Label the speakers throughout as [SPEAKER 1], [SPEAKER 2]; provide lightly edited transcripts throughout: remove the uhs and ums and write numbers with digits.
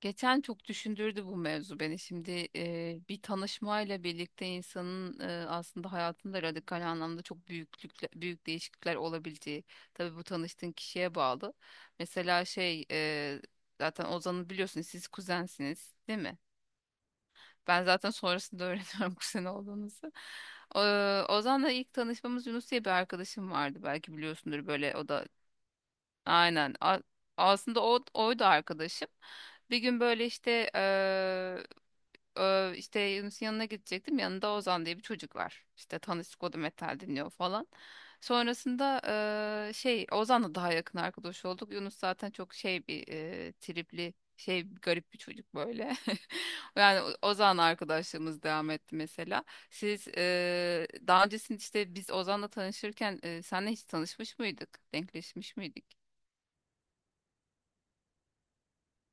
[SPEAKER 1] Geçen çok düşündürdü bu mevzu beni. Şimdi bir tanışmayla birlikte insanın aslında hayatında radikal anlamda çok büyük değişiklikler olabileceği. Tabii bu tanıştığın kişiye bağlı. Mesela zaten Ozan'ı biliyorsunuz, siz kuzensiniz değil mi? Ben zaten sonrasında öğreniyorum kuzen olduğunuzu. O, Ozan'la ilk tanışmamız, Yunus diye bir arkadaşım vardı. Belki biliyorsundur, böyle o da aynen. Aslında oydu arkadaşım. Bir gün böyle işte işte Yunus'un yanına gidecektim. Yanında Ozan diye bir çocuk var. İşte tanıştık, o da metal dinliyor falan. Sonrasında Ozan'la daha yakın arkadaş olduk. Yunus zaten çok şey bir tripli şey, garip bir çocuk böyle. Yani Ozan'la arkadaşlığımız devam etti mesela. Siz daha öncesinde, işte biz Ozan'la tanışırken senle hiç tanışmış mıydık? Denkleşmiş miydik?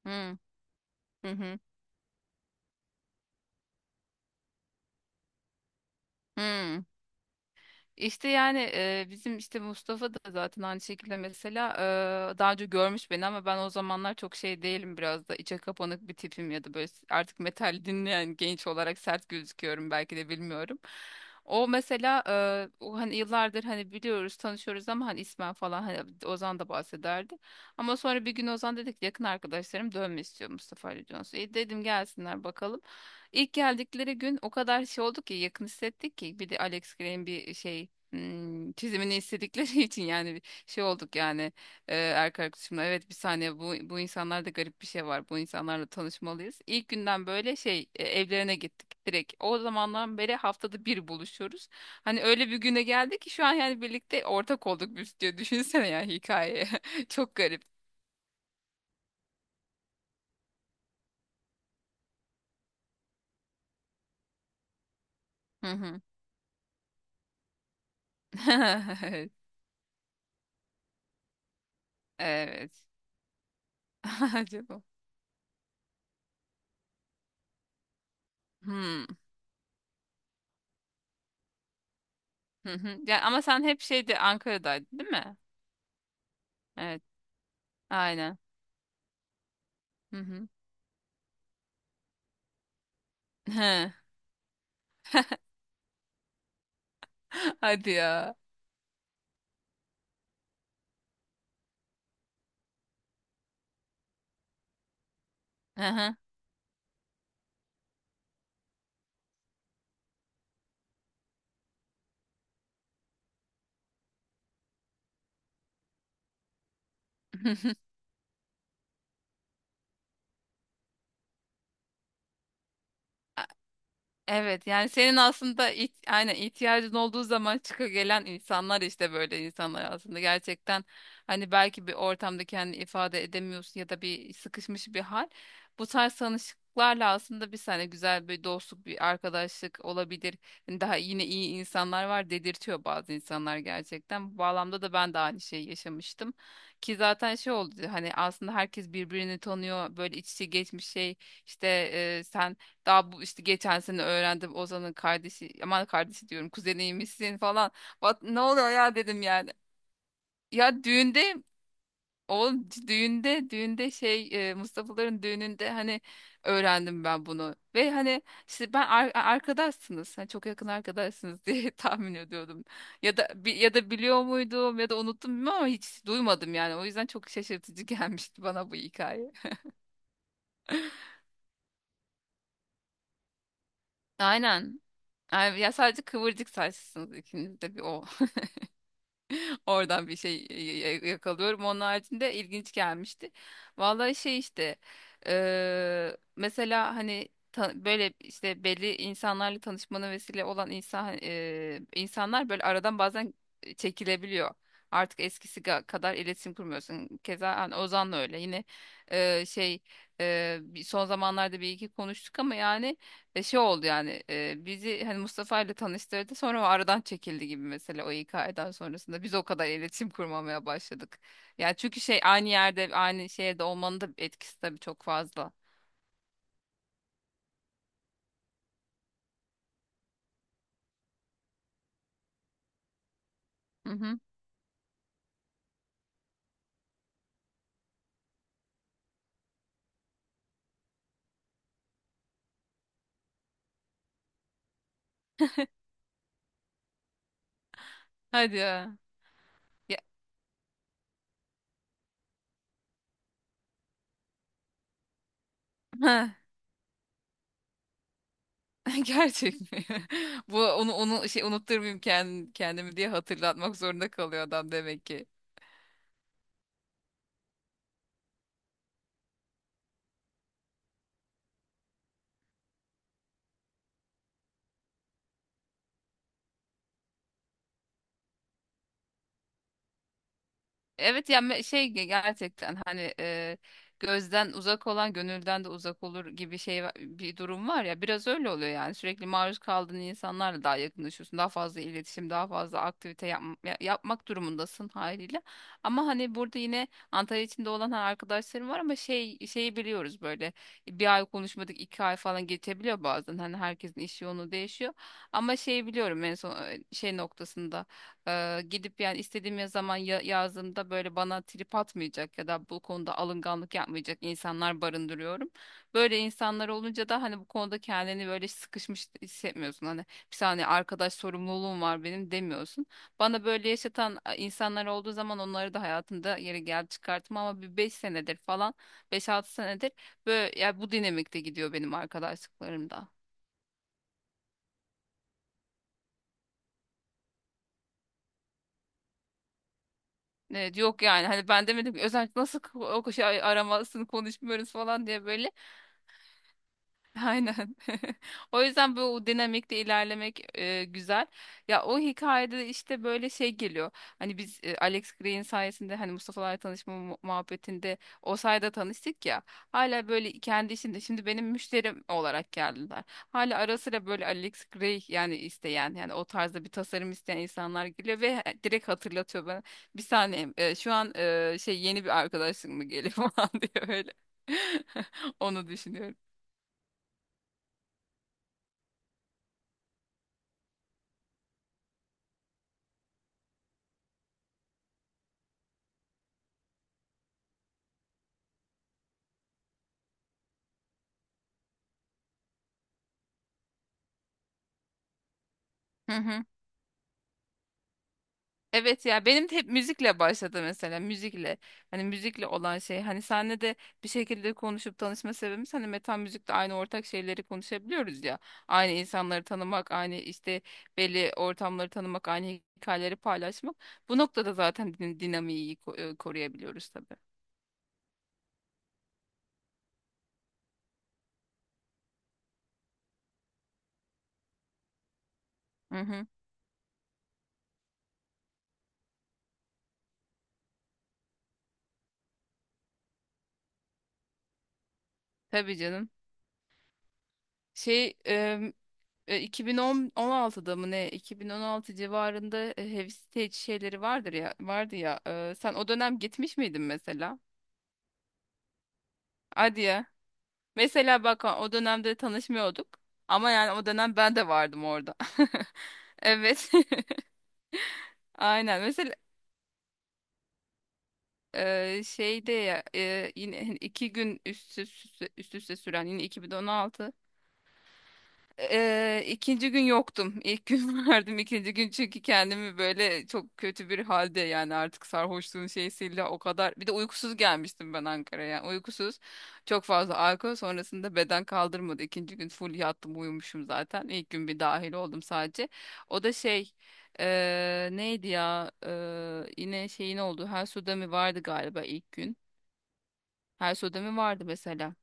[SPEAKER 1] Hmm. Hı hı. Hı. İşte yani bizim işte Mustafa da zaten aynı şekilde mesela daha önce görmüş beni, ama ben o zamanlar çok şey değilim, biraz da içe kapanık bir tipim ya da böyle artık metal dinleyen genç olarak sert gözüküyorum belki de, bilmiyorum. O mesela o hani yıllardır hani biliyoruz, tanışıyoruz ama hani ismen falan hani Ozan da bahsederdi. Ama sonra bir gün Ozan dedik, yakın arkadaşlarım dönme istiyor, Mustafa Ali Jones. Dedim gelsinler bakalım. İlk geldikleri gün o kadar şey oldu ki, yakın hissettik ki, bir de Alex Gray'in bir şey, hmm, çizimini istedikleri için yani bir şey olduk yani. Erkek arkadaşımla, evet, bir saniye, bu bu insanlarda garip bir şey var, bu insanlarla tanışmalıyız. İlk günden böyle evlerine gittik direkt, o zamandan beri haftada bir buluşuyoruz. Hani öyle bir güne geldik ki, şu an yani birlikte ortak olduk biz, diyor düşünsene ya, hikaye çok garip. Hı hı. Evet. Acaba. Hmm. Hı hı. Ya ama sen hep şeydi, Ankara'daydın değil mi? Evet. Aynen. Hı hı. Hadi ya. Aha. Evet, yani senin aslında aynen ihtiyacın olduğu zaman çıka gelen insanlar, işte böyle insanlar aslında gerçekten, hani belki bir ortamda kendini ifade edemiyorsun ya da bir sıkışmış bir hal. Bu tarz tanışıklarla aslında bir sene güzel bir dostluk, bir arkadaşlık olabilir. Hani daha yine iyi insanlar var dedirtiyor bazı insanlar gerçekten. Bu bağlamda da ben de aynı şeyi yaşamıştım. Ki zaten şey oldu, hani aslında herkes birbirini tanıyor, böyle iç içe geçmiş şey işte, sen daha bu işte geçen sene öğrendim, Ozan'ın kardeşi, aman kardeşi diyorum, kuzeniymişsin falan. Bak ne oluyor ya, dedim yani. Ya düğünde, o düğünde Mustafa'ların düğününde hani öğrendim ben bunu. Ve hani işte ben arkadaşsınız, hani çok yakın arkadaşsınız diye tahmin ediyordum. Ya da ya da biliyor muydum ya da unuttum bilmiyorum ama hiç duymadım yani. O yüzden çok şaşırtıcı gelmişti bana bu hikaye. Aynen. Ay, ya sadece kıvırcık saçlısınız ikiniz de, bir o. Oradan bir şey yakalıyorum. Onun haricinde ilginç gelmişti. Vallahi şey işte mesela hani böyle işte belli insanlarla tanışmana vesile olan insan, insanlar böyle aradan bazen çekilebiliyor. Artık eskisi kadar iletişim kurmuyorsun. Keza hani Ozan'la öyle. Yine eee, şey son zamanlarda bir iki konuştuk ama yani oldu yani, bizi hani Mustafa ile tanıştırdı, sonra o aradan çekildi gibi mesela, o hikayeden sonrasında biz o kadar iletişim kurmamaya başladık. Yani çünkü şey, aynı yerde, aynı şehirde olmanın da etkisi tabii çok fazla. Hı hı. Hadi ya. Ya- Gerçek mi? Bu onu şey unutturmayayım kendimi diye hatırlatmak zorunda kalıyor adam demek ki. Evet ya gerçekten hani gözden uzak olan gönülden de uzak olur gibi şey bir durum var ya, biraz öyle oluyor yani, sürekli maruz kaldığın insanlarla daha yakınlaşıyorsun, daha fazla iletişim, daha fazla aktivite yapmak durumundasın haliyle. Ama hani burada yine Antalya içinde olan hani arkadaşlarım var ama şey, şeyi biliyoruz böyle, bir ay konuşmadık, iki ay falan geçebiliyor bazen, hani herkesin iş yoğunluğu değişiyor. Ama şeyi biliyorum, en son şey noktasında gidip yani istediğim zaman yazdığımda böyle bana trip atmayacak ya da bu konuda alınganlık yapmayacak insanlar barındırıyorum. Böyle insanlar olunca da hani bu konuda kendini böyle sıkışmış hissetmiyorsun. Hani bir saniye arkadaş sorumluluğum var benim demiyorsun. Bana böyle yaşatan insanlar olduğu zaman onları da hayatımda yeri gel çıkarttım ama bir beş senedir falan, beş altı senedir böyle ya, bu dinamikte gidiyor benim arkadaşlıklarımda. Evet, yok yani hani ben demedim ki özellikle nasıl o şey aramasını, konuşmuyoruz falan diye böyle. Aynen. O yüzden böyle o dinamikte ilerlemek güzel. Ya o hikayede işte böyle şey geliyor, hani biz Alex Gray'in sayesinde hani Mustafa'larla tanışma muhabbetinde o sayede tanıştık ya. Hala böyle kendi işinde şimdi benim müşterim olarak geldiler. Hala ara sıra böyle Alex Gray yani isteyen, yani o tarzda bir tasarım isteyen insanlar geliyor ve direkt hatırlatıyor bana. Bir saniye şu an yeni bir arkadaşın mı geliyor falan diyor öyle. Onu düşünüyorum. Hı hı. Evet ya benim de hep müzikle başladı mesela, müzikle, hani müzikle olan şey, hani senle de bir şekilde konuşup tanışma sebebimiz hani metal müzikte aynı ortak şeyleri konuşabiliyoruz ya, aynı insanları tanımak, aynı işte belli ortamları tanımak, aynı hikayeleri paylaşmak, bu noktada zaten dinamiği iyi koruyabiliyoruz tabii. Hı hı. Tabii canım şey em, 2016'da mı ne, 2016 civarında Heavy Stage şeyleri vardır ya, vardı ya. E, sen o dönem gitmiş miydin mesela? Hadi ya. Mesela bak, o dönemde tanışmıyorduk. Ama yani o dönem ben de vardım orada. Evet. Aynen. Mesela şeyde ya, yine hani iki gün üst üste süren, yine 2016. İkinci gün yoktum. İlk gün vardım. İkinci gün, çünkü kendimi böyle çok kötü bir halde, yani artık sarhoşluğun şeysiyle o kadar. Bir de uykusuz gelmiştim ben Ankara'ya, yani uykusuz. Çok fazla alkol sonrasında beden kaldırmadı. İkinci gün full yattım, uyumuşum zaten. İlk gün bir dahil oldum sadece. O da şey, neydi ya. Yine şeyin oldu. Her suda mı vardı galiba ilk gün. Her suda mı vardı mesela.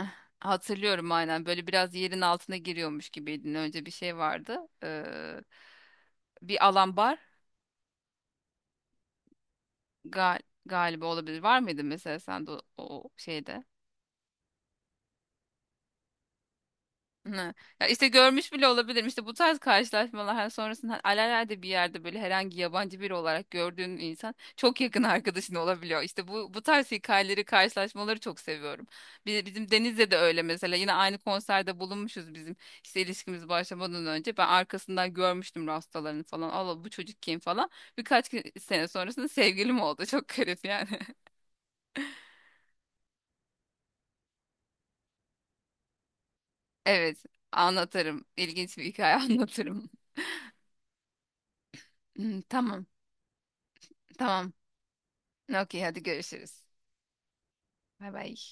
[SPEAKER 1] Eh, Hatırlıyorum, aynen, böyle biraz yerin altına giriyormuş gibiydin. Önce bir şey vardı. Bir alan bar, gal galiba olabilir. Var mıydı mesela sen de o şeyde? Hı. Ya işte görmüş bile olabilirim. İşte bu tarz karşılaşmalar hani, sonrasında hani alelade bir yerde böyle herhangi yabancı biri olarak gördüğün insan çok yakın arkadaşın olabiliyor. İşte bu tarz hikayeleri, karşılaşmaları çok seviyorum. Bizim Deniz'le de öyle mesela. Yine aynı konserde bulunmuşuz bizim işte ilişkimiz başlamadan önce. Ben arkasından görmüştüm rastalarını falan. Allah bu çocuk kim falan. Birkaç sene sonrasında sevgilim oldu. Çok garip yani. Evet, anlatırım. İlginç bir hikaye anlatırım. Hı, tamam, tamam. Okey, hadi görüşürüz. Bay bay.